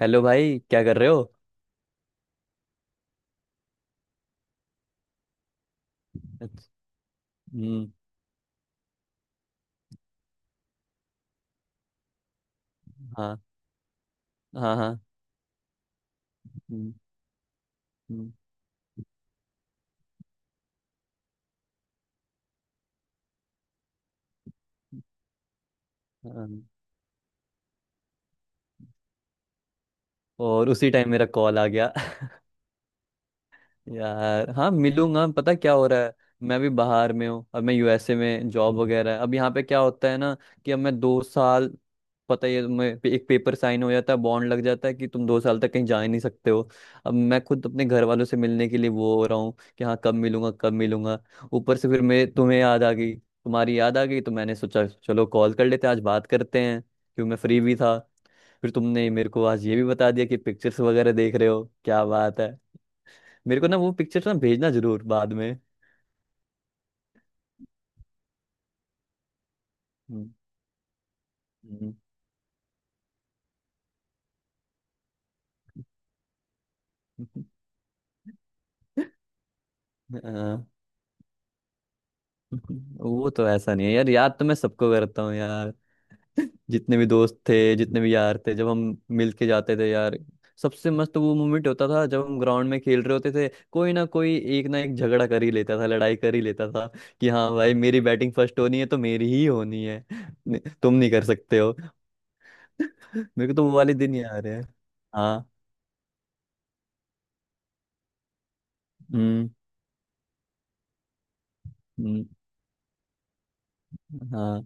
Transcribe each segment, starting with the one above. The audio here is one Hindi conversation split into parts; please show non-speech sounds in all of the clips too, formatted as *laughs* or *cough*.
हेलो भाई, क्या कर रहे हो? अच्छा। हम्म। हाँ। हाँ हाँ। हम्म। हम्म। हाँ। और उसी टाइम मेरा कॉल आ गया *laughs* यार हाँ, मिलूंगा। पता क्या हो रहा है, मैं भी बाहर में हूँ। अब मैं यूएसए में जॉब वगैरह है। अब यहाँ पे क्या होता है ना कि अब मैं 2 साल, पता ही है तुम्हें, एक पेपर साइन हो जाता है, बॉन्ड लग जाता है कि तुम 2 साल तक कहीं जा ही नहीं सकते हो। अब मैं खुद अपने घर वालों से मिलने के लिए वो हो रहा हूँ कि हाँ, कब मिलूंगा, कब मिलूंगा। ऊपर से फिर मैं तुम्हें याद आ गई, तुम्हारी याद आ गई, तो मैंने सोचा चलो कॉल कर लेते हैं, आज बात करते हैं, क्यों मैं फ्री भी था। फिर तुमने मेरे को आज ये भी बता दिया कि पिक्चर्स वगैरह देख रहे हो, क्या बात है। मेरे को ना वो पिक्चर ना भेजना जरूर बाद में। हम्म। हम्म। हाँ। वो तो ऐसा नहीं है यार, याद तो मैं सबको करता हूँ यार। जितने भी दोस्त थे, जितने भी यार थे, जब हम मिल के जाते थे यार, सबसे मस्त वो मोमेंट होता था जब हम ग्राउंड में खेल रहे होते थे। कोई ना कोई एक ना एक झगड़ा कर ही लेता था, लड़ाई कर ही लेता था कि हाँ भाई मेरी बैटिंग फर्स्ट होनी है तो मेरी ही होनी है, नहीं, तुम नहीं कर सकते हो। *laughs* मेरे को तो वो वाले दिन याद है। हाँ। हम्म। हम्म। हाँ।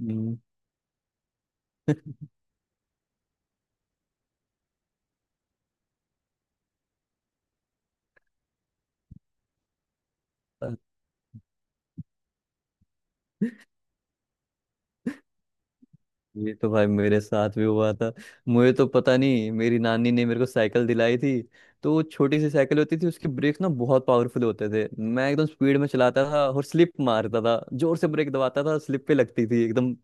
हम्म। ये तो भाई मेरे साथ भी हुआ था। मुझे तो पता नहीं, मेरी नानी ने मेरे को साइकिल दिलाई थी। तो वो छोटी सी साइकिल होती थी, उसके ब्रेक ना बहुत पावरफुल होते थे। मैं एकदम स्पीड में चलाता था और स्लिप मारता था, जोर से ब्रेक दबाता था, स्लिप पे लगती थी एकदम।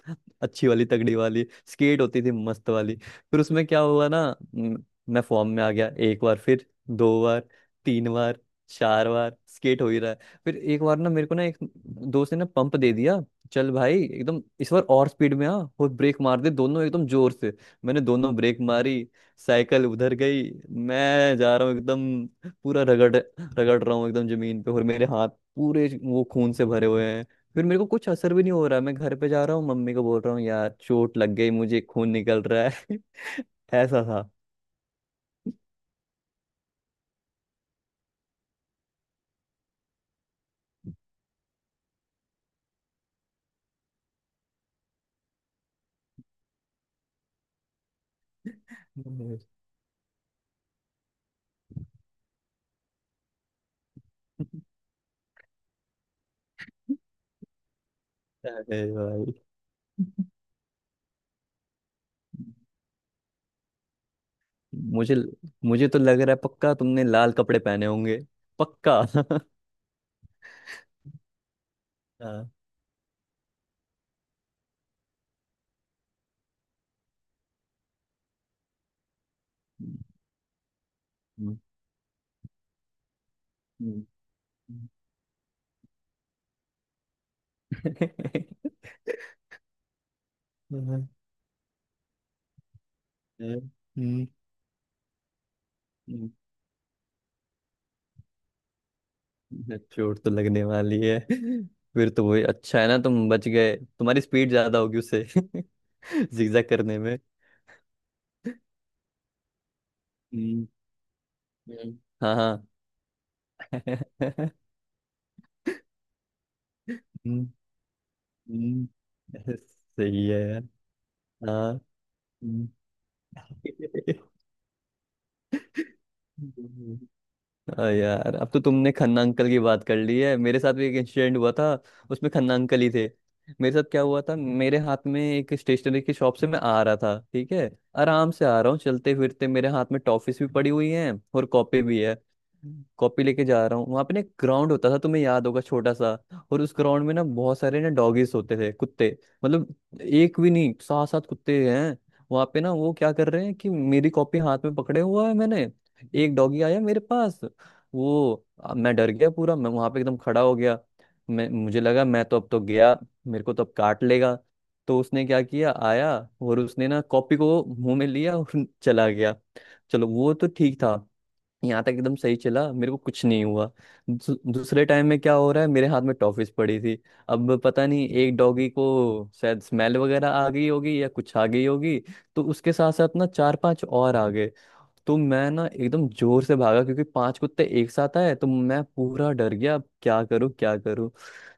अच्छी वाली तगड़ी वाली स्केट होती थी, मस्त वाली। फिर उसमें क्या हुआ ना, म, मैं फॉर्म में आ गया। एक बार, फिर दो बार, तीन बार, चार बार स्केट हो ही रहा है। फिर एक बार ना मेरे को ना एक दोस्त ने ना पंप दे दिया, चल भाई एकदम इस बार और स्पीड में आ, और ब्रेक मार दे दोनों एकदम जोर से। मैंने दोनों ब्रेक मारी, साइकिल उधर गई, मैं जा रहा हूँ एकदम पूरा रगड़ रगड़ रहा हूँ एकदम जमीन पे, और मेरे हाथ पूरे वो खून से भरे हुए हैं। फिर मेरे को कुछ असर भी नहीं हो रहा, मैं घर पे जा रहा हूँ मम्मी को बोल रहा हूँ यार चोट लग गई, मुझे खून निकल रहा है। *laughs* ऐसा था। अरे भाई। मुझे, मुझे तो लग रहा है पक्का तुमने लाल कपड़े पहने होंगे। पक्का *laughs* हाँ। हम्म। हम्म। *laughs* हम्म। हम्म। हम्म। चोट तो लगने वाली है। फिर तो वही अच्छा है ना, तुम बच गए, तुम्हारी स्पीड ज्यादा होगी उससे *laughs* जिगजैग करने में। हम्म। हम्म। हाँ हाँ। *laughs* हम्म। हम्म। सही है यार। हाँ। हम्म। *laughs* अरे यार, अब तो तुमने खन्ना अंकल की बात कर ली है, मेरे साथ भी एक इंसिडेंट हुआ था, उसमें खन्ना अंकल ही थे। मेरे साथ क्या हुआ था, मेरे हाथ में एक स्टेशनरी की शॉप से मैं आ रहा था, ठीक है। आराम से आ रहा हूँ चलते फिरते, मेरे हाथ में टॉफिस भी पड़ी हुई है और कॉपी भी है। कॉपी लेके जा रहा हूँ, वहां पे ना एक ग्राउंड होता था, तुम्हें याद होगा, छोटा सा। और उस ग्राउंड में ना बहुत सारे ना डॉगीज होते थे, कुत्ते। मतलब एक भी नहीं, सात सात कुत्ते हैं। वहां पे ना वो क्या कर रहे हैं कि मेरी कॉपी हाथ में पकड़े हुआ है मैंने, एक डॉगी आया मेरे पास, मैं डर गया पूरा, मैं वहां पे एकदम खड़ा हो गया। मैं, मुझे लगा मैं तो अब तो गया, मेरे को तो अब काट लेगा। तो उसने क्या किया, आया और उसने ना कॉपी को मुंह में लिया और *laughs* चला गया। चलो वो तो ठीक था, यहाँ तक एकदम सही चला, मेरे को कुछ नहीं हुआ। दूसरे टाइम में क्या हो रहा है, मेरे हाथ में टॉफिस पड़ी थी। अब पता नहीं एक डॉगी को शायद स्मेल वगैरह आ गई होगी या कुछ आ गई होगी। तो उसके साथ साथ ना चार पांच और आ गए। तो मैं ना एकदम जोर से भागा क्योंकि पांच कुत्ते एक साथ आए तो मैं पूरा डर गया, अब क्या करूं क्या करूं।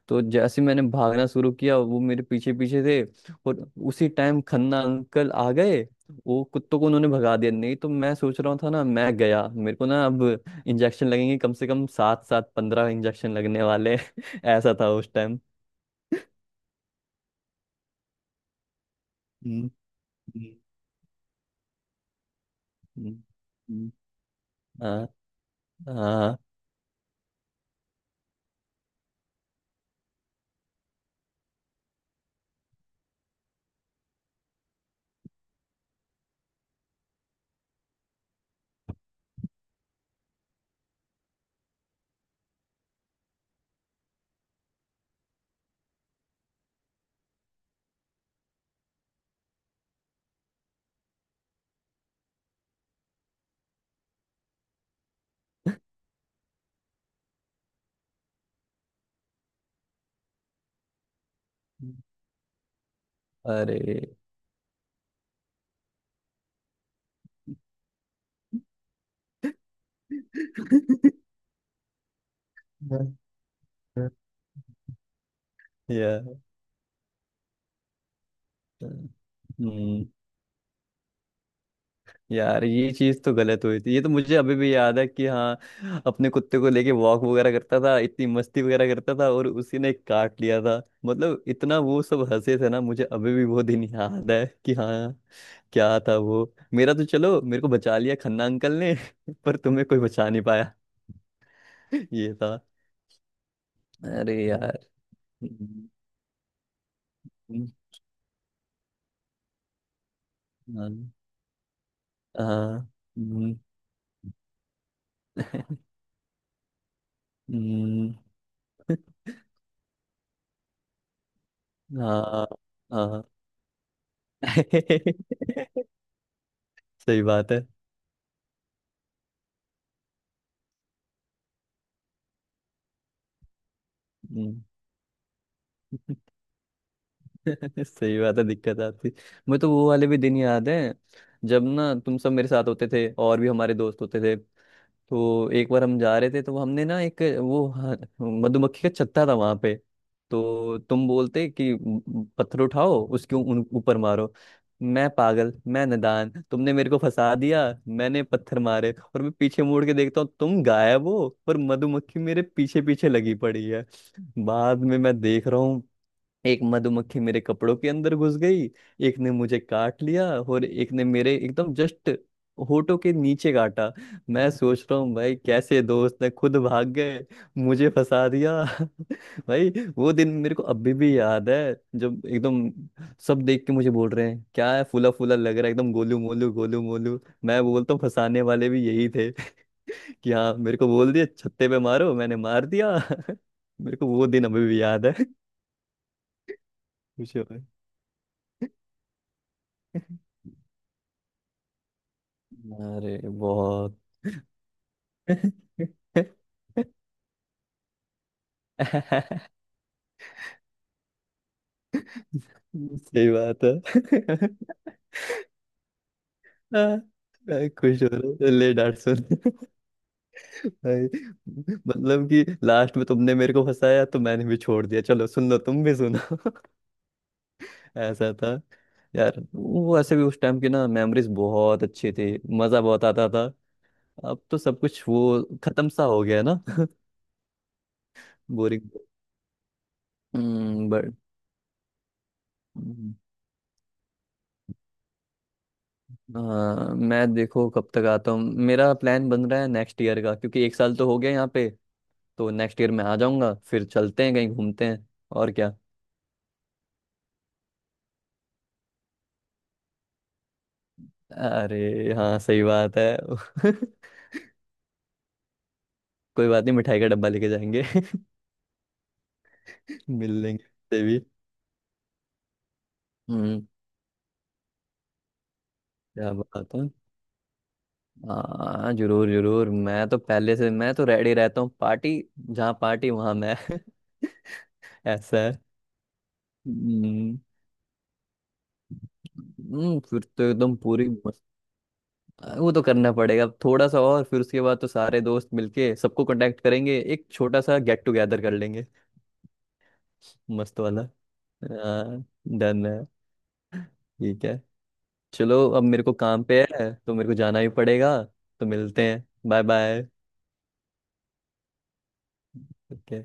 तो जैसे ही मैंने भागना शुरू किया, वो मेरे पीछे पीछे थे। और उसी टाइम खन्ना अंकल आ गए, वो कुत्तों को उन्होंने भगा दिया, नहीं तो मैं सोच रहा था ना मैं गया, मेरे को ना अब इंजेक्शन लगेंगे कम से कम सात सात 15 इंजेक्शन लगने वाले *laughs* हैं। ऐसा था उस टाइम। हम्म। हम्म। हम्म। हम्म। हाँ हाँ। अरे *laughs* या। हम्म। यार ये चीज तो गलत हुई थी, ये तो मुझे अभी भी याद है कि हाँ अपने कुत्ते को लेके वॉक वगैरह करता था, इतनी मस्ती वगैरह करता था और उसी ने काट लिया था। मतलब इतना वो सब हंसे थे ना, मुझे अभी भी वो दिन याद है कि हाँ, क्या था वो। मेरा तो चलो, मेरे को बचा लिया खन्ना अंकल ने *laughs* पर तुम्हें कोई बचा नहीं पाया। *laughs* ये था। अरे यार। हम्म। हम्म। हाँ हाँ। हम्म। *laughs* हम्म। हाँ हाँ। *laughs* सही बात है। हम्म। *laughs* सही बात है, दिक्कत आती। मुझे तो वो वाले भी दिन याद है, जब ना तुम सब मेरे साथ होते थे और भी हमारे दोस्त होते थे। तो एक बार हम जा रहे थे, तो हमने ना एक वो हाँ, मधुमक्खी का छत्ता था वहां पे। तो तुम बोलते कि पत्थर उठाओ उसके ऊपर मारो। मैं पागल, मैं नादान, तुमने मेरे को फंसा दिया। मैंने पत्थर मारे और मैं पीछे मुड़ के देखता हूँ, तुम गायब हो, पर मधुमक्खी मेरे पीछे पीछे लगी पड़ी है। बाद में मैं देख रहा हूँ, एक मधुमक्खी मेरे कपड़ों के अंदर घुस गई, एक ने मुझे काट लिया और एक ने मेरे एकदम जस्ट होठों के नीचे काटा। मैं सोच रहा हूँ भाई कैसे दोस्त ने खुद भाग गए, मुझे फंसा दिया *laughs* भाई। वो दिन मेरे को अभी भी याद है, जब एकदम सब देख के मुझे बोल रहे हैं क्या है, फूला फूला लग रहा है, एकदम गोलू मोलू गोलू मोलू। मैं बोलता हूँ फंसाने वाले भी यही थे *laughs* कि हाँ मेरे को बोल दिया छत्ते पे मारो, मैंने मार दिया *laughs* मेरे को वो दिन अभी भी याद है *laughs* कुछ और। अरे बहुत। *laughs* सही बात है। हाँ, मैं खुश हो रहा हूँ ले डांट सुन भाई। मतलब कि लास्ट में तुमने मेरे को फंसाया, तो मैंने भी छोड़ दिया, चलो सुन लो तुम भी सुनो *laughs* ऐसा था। यार वो ऐसे भी उस टाइम की ना मेमोरीज बहुत अच्छी थी, मजा बहुत आता था। अब तो सब कुछ वो खत्म सा हो गया ना *laughs* बोरिंग। बट। हाँ मैं देखो कब तक आता हूँ। मेरा प्लान बन रहा है नेक्स्ट ईयर का, क्योंकि एक साल तो हो गया यहाँ पे। तो नेक्स्ट ईयर मैं आ जाऊंगा, फिर चलते हैं, कहीं घूमते हैं। और क्या। अरे हाँ सही बात है *laughs* कोई बात नहीं, मिठाई का डब्बा लेके जाएंगे। *laughs* मिल लेंगे उससे भी। हम्म। क्या बात है। हाँ जरूर जरूर, मैं तो पहले से, मैं तो रेडी रहता हूँ पार्टी। जहाँ पार्टी वहाँ मैं *laughs* ऐसा है। हम्म। फिर तो एकदम पूरी मस्त। वो तो करना पड़ेगा अब थोड़ा सा, और फिर उसके बाद तो सारे दोस्त मिलके सबको कांटेक्ट करेंगे, एक छोटा सा गेट टुगेदर कर लेंगे, मस्त वाला। हाँ। डन है। ठीक है। चलो, अब मेरे को काम पे है तो मेरे को जाना ही पड़ेगा, तो मिलते हैं, बाय बाय।